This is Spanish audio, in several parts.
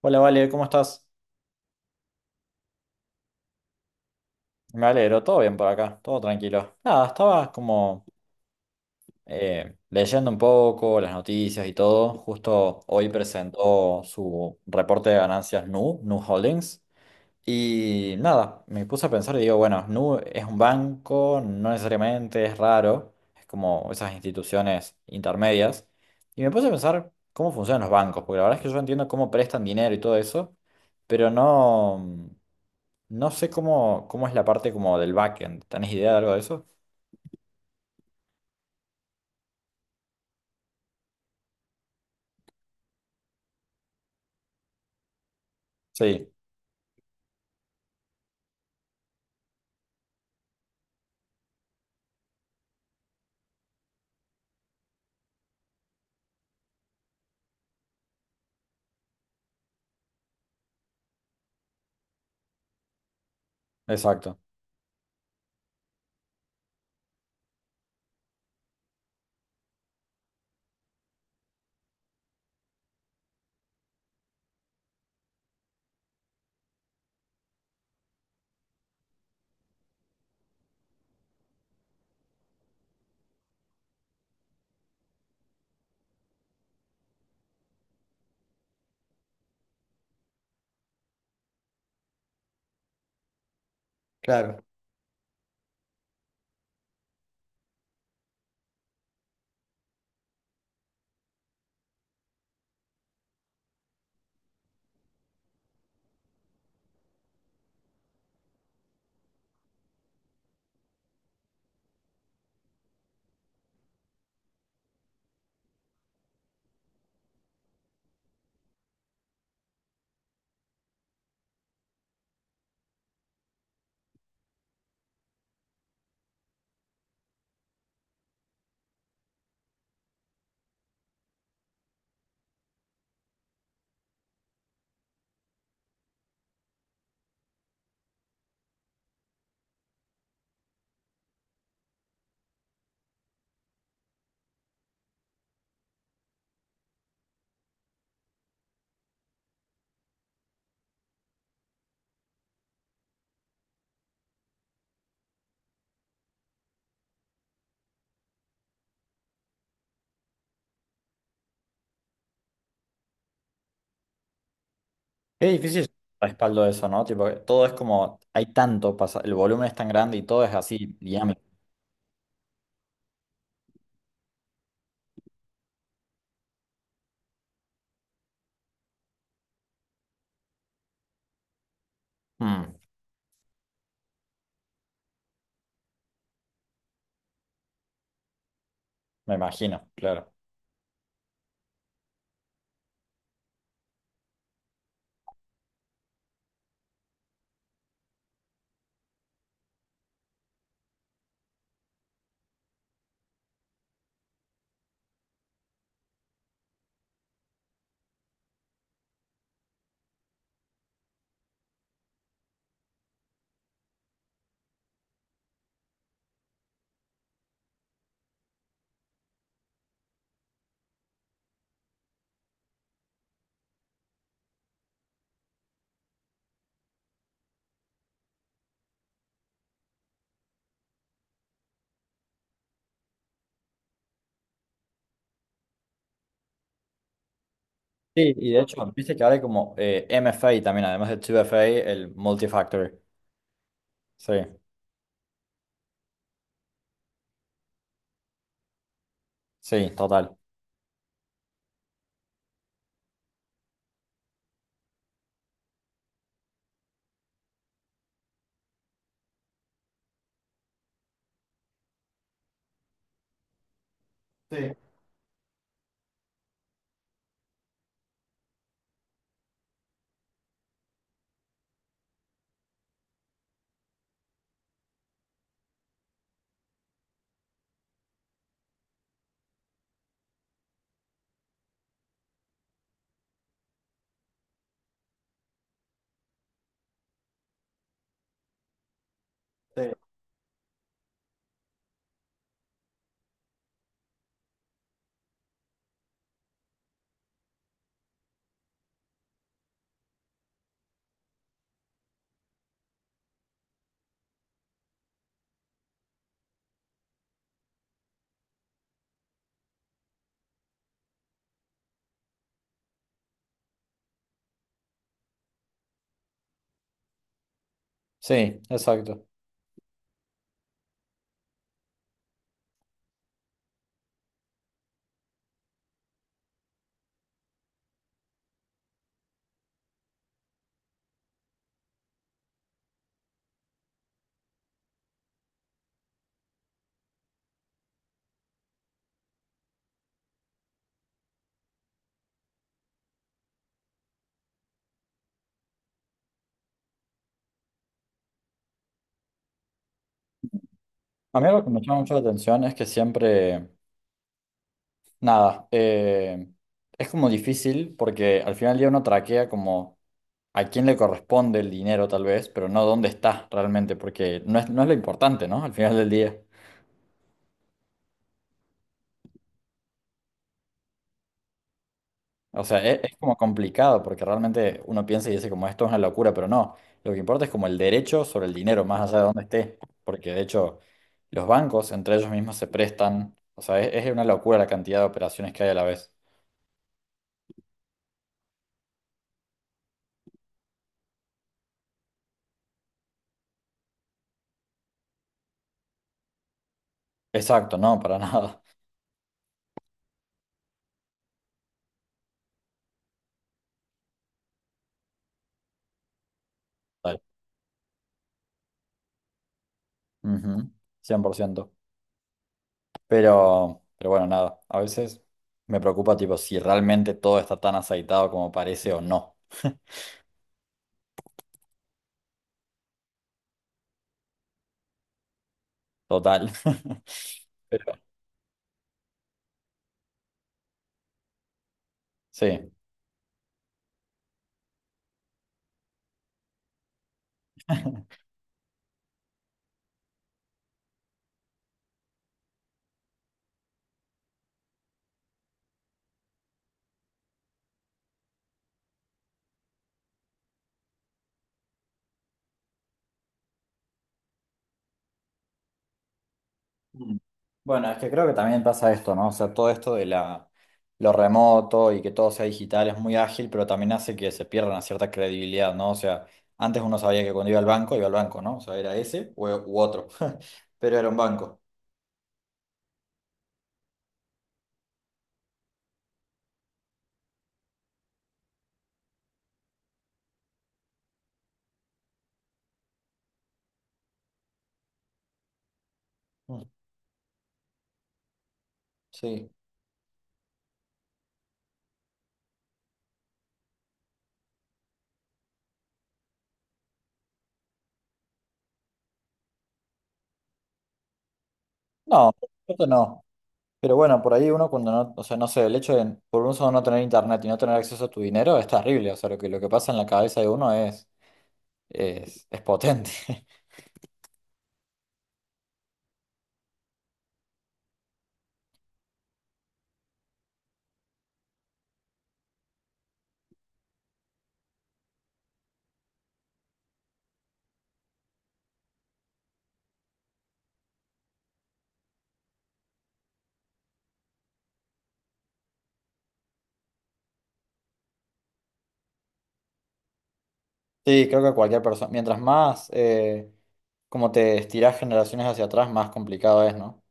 Hola, Vale, ¿cómo estás? Me alegro, todo bien por acá, todo tranquilo. Nada, estaba como leyendo un poco las noticias y todo. Justo hoy presentó su reporte de ganancias Nu, Nu Holdings. Y nada, me puse a pensar y digo, bueno, Nu es un banco, no necesariamente, es raro, es como esas instituciones intermedias. Y me puse a pensar cómo funcionan los bancos, porque la verdad es que yo entiendo cómo prestan dinero y todo eso, pero no. No sé cómo es la parte como del backend. ¿Tenés idea de algo de eso? Sí, exacto. Claro. Qué difícil respaldo eso, ¿no? Tipo, todo es como, hay tanto, pasa, el volumen es tan grande y todo es así dinámico. Mm, me imagino, claro. Sí, y de hecho, viste que ahora hay como MFA también, además de 2FA, el multifactor. Sí, sí, total. Sí, sí. Sí, exacto. A mí algo que me llama mucho la atención es que siempre nada, es como difícil porque al final del día uno traquea como a quién le corresponde el dinero tal vez, pero no dónde está realmente, porque no es lo importante, ¿no? Al final del día. O sea, es como complicado porque realmente uno piensa y dice como esto es una locura, pero no, lo que importa es como el derecho sobre el dinero, más allá de dónde esté, porque de hecho los bancos entre ellos mismos se prestan, o sea, es una locura la cantidad de operaciones que hay a la vez. Exacto, no, para nada. Tal. Ujú, cien por ciento. Pero, bueno, nada, a veces me preocupa tipo si realmente todo está tan aceitado como parece o no. Total. Pero sí. Mm. Bueno, es que creo que también pasa esto, ¿no? O sea, todo esto de la, lo remoto y que todo sea digital es muy ágil, pero también hace que se pierda una cierta credibilidad, ¿no? O sea, antes uno sabía que cuando iba al banco, ¿no? O sea, era ese u otro, pero era un banco. Mm, sí. No, esto no. Pero bueno, por ahí uno cuando no, o sea, no sé, el hecho de por un solo no tener internet y no tener acceso a tu dinero es terrible, o sea, lo que pasa en la cabeza de uno es potente. Sí, creo que cualquier persona, mientras más como te estirás generaciones hacia atrás, más complicado es, ¿no?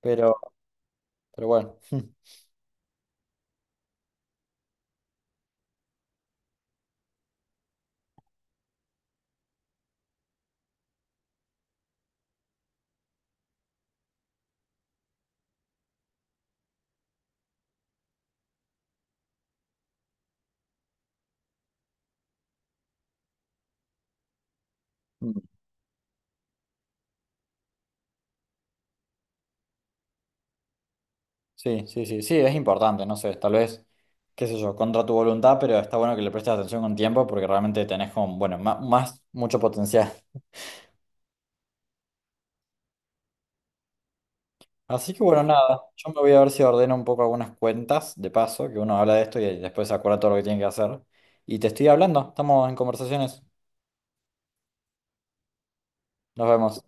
Pero, bueno, mm. Sí, sí, sí, sí, es importante, no sé, tal vez, qué sé yo, contra tu voluntad, pero está bueno que le prestes atención con tiempo porque realmente tenés como, bueno, más mucho potencial. Así que bueno, nada, yo me voy a ver si ordeno un poco algunas cuentas, de paso, que uno habla de esto y después se acuerda todo lo que tiene que hacer. Y te estoy hablando, estamos en conversaciones. Nos vemos.